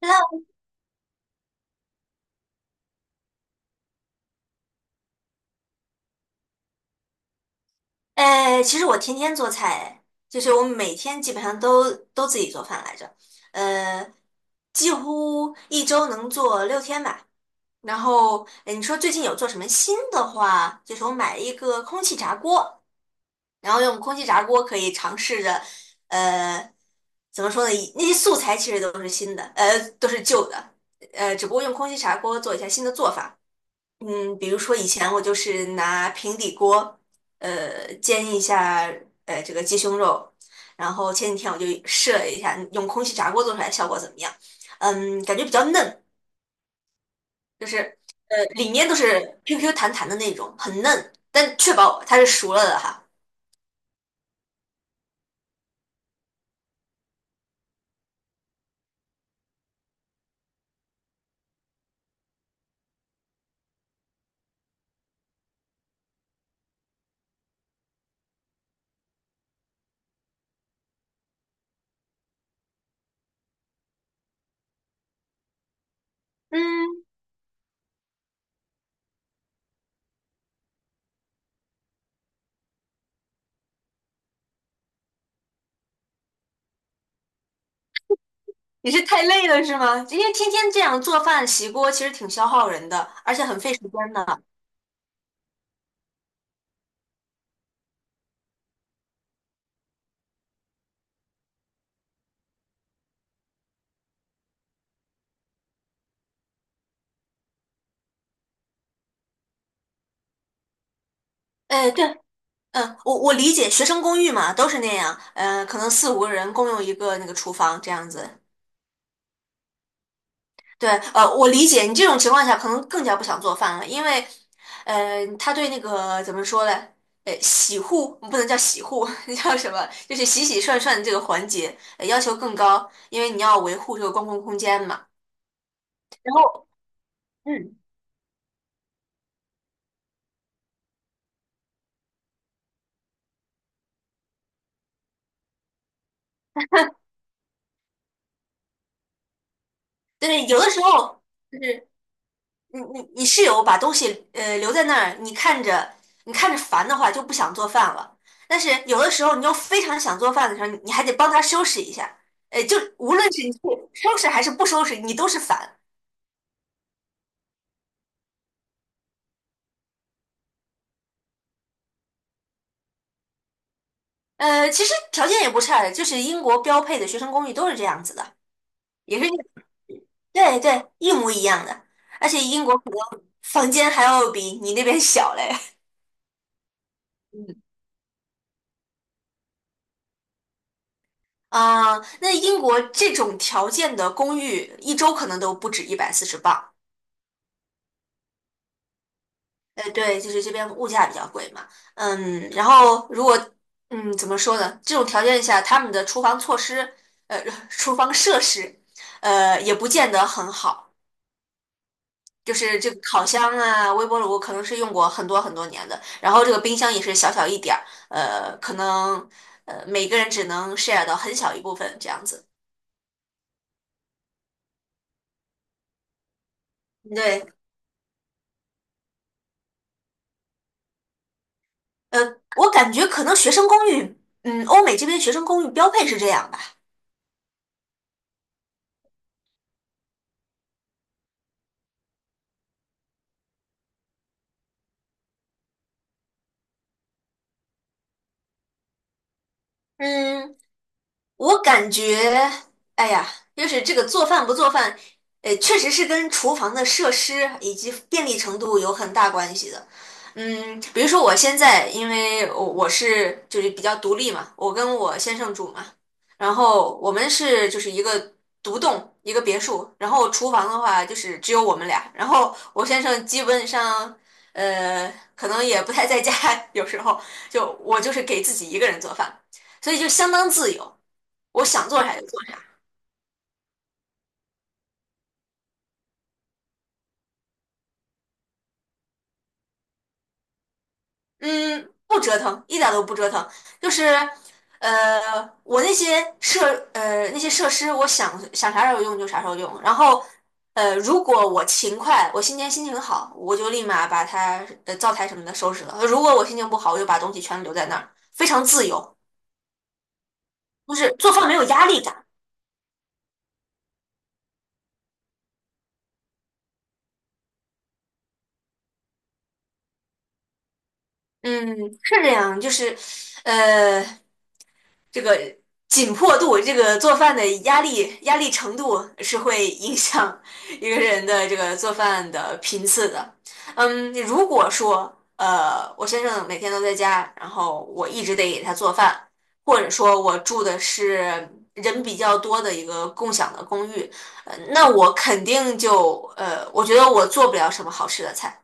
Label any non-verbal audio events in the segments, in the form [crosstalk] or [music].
那},，其实我天天做菜，哎,我每天基本上都自己做饭来着，呃，几乎一周能做六天吧。然后，哎，你说最近有做什么新的话？就是我买了一个空气炸锅，然后用空气炸锅可以尝试着，呃，怎么说呢？以那些素材其实都是新的，都是旧的，只不过用空气炸锅做一下新的做法。嗯，比如说以前我就是拿平底锅，煎一下，这个鸡胸肉，然后前几天我就试了一下，用空气炸锅做出来效果怎么样？嗯，感觉比较嫩，就是里面都是 QQ 弹弹的那种，很嫩，但确保它是熟了的哈。嗯，你是太累了是吗？因为天天这样做饭洗锅其实挺消耗人的，而且很费时间的。哎，对，嗯，我理解学生公寓嘛，都是那样，嗯，可能四五个人共用一个那个厨房这样子。对，我理解你这种情况下可能更加不想做饭了，因为，他对那个怎么说呢？呃，洗护不能叫洗护，[laughs] 那叫什么？就是洗洗涮涮的这个环节，呃要求更高，因为你要维护这个公共空间嘛。然后，嗯，对，有的时候。就是。你室友把东西呃留在那儿，你看着你看着烦的话就不想做饭了。但是有的时候你又非常想做饭的时候，你还得帮他收拾一下。呃，就无论是你去收拾还是不收拾，你都是烦。呃，其实条件也不差，的，就是英国标配的学生公寓都是这样子的，也是对一模一样的。而且英国可能房间还要比你那边小嘞。[laughs] 嗯。啊，那英国这种条件的公寓，一周可能都不止140磅。对，就是这边物价比较贵嘛，嗯，然后如果，嗯，怎么说呢？这种条件下，他们的厨房措施，呃，[laughs] 厨房设施，也不见得很好。就是这个烤箱啊、微波炉可能是用过很多很多年的，然后这个冰箱也是小小一点儿，呃，可能呃每个人只能 share 到很小一部分这样子。对，呃，我感觉可能学生公寓，嗯，欧美这边学生公寓标配是这样吧。嗯，我感觉，哎呀，就是这个做饭不做饭，确实是跟厨房的设施以及便利程度有很大关系的。嗯，比如说我现在，因为我是就是比较独立嘛，我跟我先生住嘛，然后我们是就是一个独栋一个别墅，然后厨房的话就是只有我们俩，然后我先生基本上呃可能也不太在家，[laughs] 有时候就我就是给自己一个人做饭，所以就相当自由。我想做啥就做啥，嗯，不折腾，一点都不折腾，就是，呃，我那些设施，我想想啥时候用就啥时候用，然后，如果我勤快，我今天心情好，我就立马把它呃灶台什么的收拾了；如果我心情不好，我就把东西全留在那儿，非常自由，就是做饭没有压力感。嗯，是这样，就是，呃。这个紧迫度，这个做饭的压力程度是会影响一个人的这个做饭的频次的。嗯，如果说呃我先生每天都在家，然后我一直得给他做饭，或者说我住的是人比较多的一个共享的公寓，呃那我肯定就呃我觉得我做不了什么好吃的菜。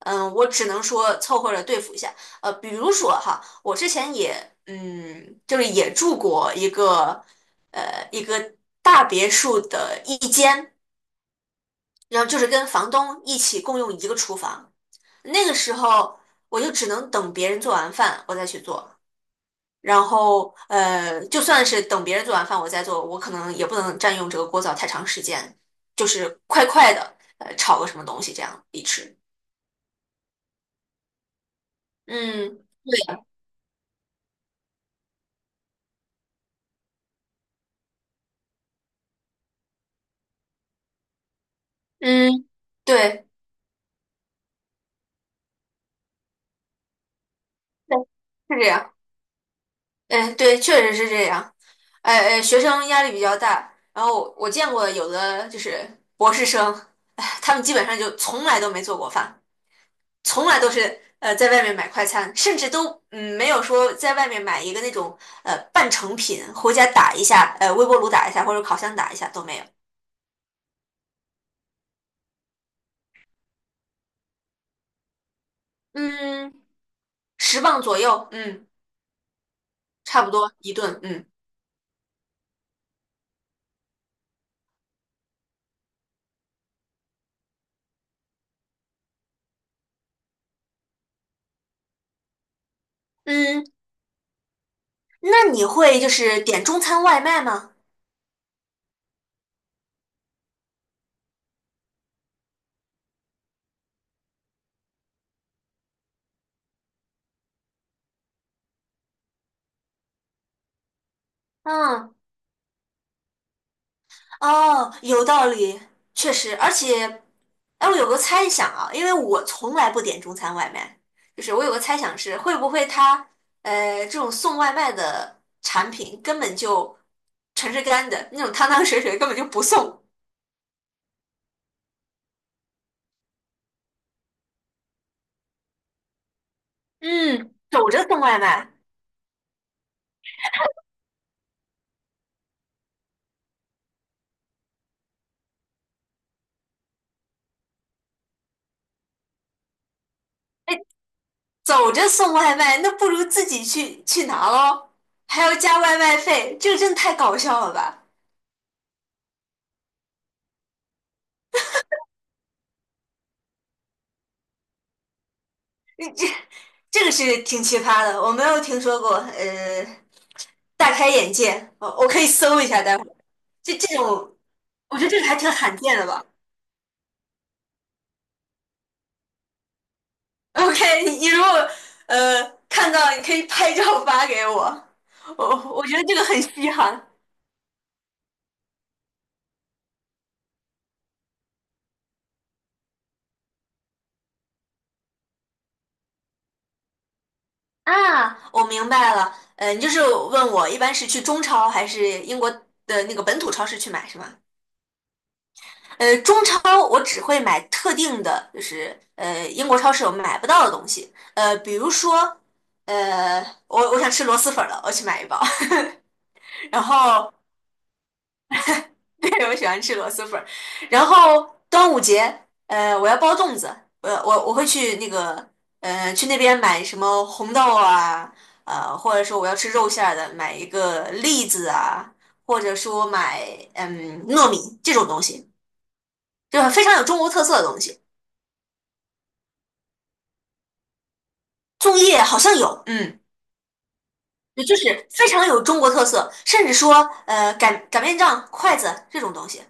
嗯，我只能说凑合着对付一下。呃，比如说哈，我之前也嗯，就是也住过一个一个大别墅的一间，然后就是跟房东一起共用一个厨房。那个时候我就只能等别人做完饭我再去做，然后呃，就算是等别人做完饭我再做，我可能也不能占用这个锅灶太长时间，就是快快的呃炒个什么东西这样一吃。嗯，对，嗯，对。对，是这样，嗯，对，确实是这样。哎哎，学生压力比较大，然后我见过有的就是博士生，哎，他们基本上就从来都没做过饭，从来都是呃在外面买快餐，甚至都嗯没有说在外面买一个那种半成品回家打一下，呃微波炉打一下或者烤箱打一下都没有。嗯，十磅左右，嗯，差不多一顿，嗯嗯那你会就是点中餐外卖吗？嗯。哦，有道理，确实，而且，哎，我有个猜想啊，因为我从来不点中餐外卖，就是我有个猜想是，会不会他，呃，这种送外卖的产品根本就全是干的，那种汤汤水水根本就不送，嗯，走着送外卖，哎，走着送外卖，那不如自己去拿咯，还要加外卖费，这个真的太搞笑了吧？你这 [laughs] 这个是挺奇葩的，我没有听说过，呃。大开眼界。我可以搜一下，待会儿这这种，我觉得这个还挺罕见的吧。OK,你你如果呃看到，你可以拍照发给我。我我觉得这个很稀罕啊。我明白了，呃，你就是问我一般是去中超还是英国的那个本土超市去买是吗？呃，中超我只会买特定的，就是呃英国超市我买不到的东西，呃，比如说。呃，我我想吃螺蛳粉了，我去买一包。[laughs] 然后 [laughs] 对，我喜欢吃螺蛳粉儿。然后端午节，呃，我要包粽子，我会去那个，呃，去那边买什么红豆啊，呃，或者说我要吃肉馅儿的，买一个栗子啊，或者说买嗯糯米这种东西，就是非常有中国特色的东西。粽叶好像有，嗯，也就是非常有中国特色，甚至说呃擀面杖、筷子这种东西。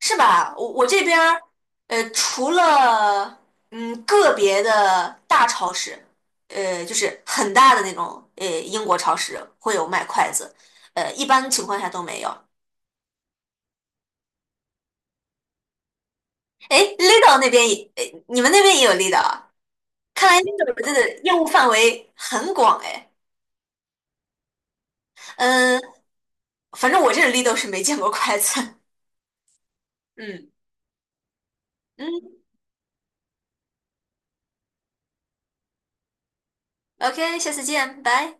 是吧？我我这边儿，呃，除了嗯个别的大超市，呃，就是很大的那种，呃，英国超市会有卖筷子，呃，一般情况下都没有。哎，Lidl 那边也，呃你们那边也有 Lidl 啊？看来 Lidl 的业务范围很广哎。嗯，反正我这 Lidl 是没见过筷子。[laughs] 嗯嗯},OK,下次见，拜。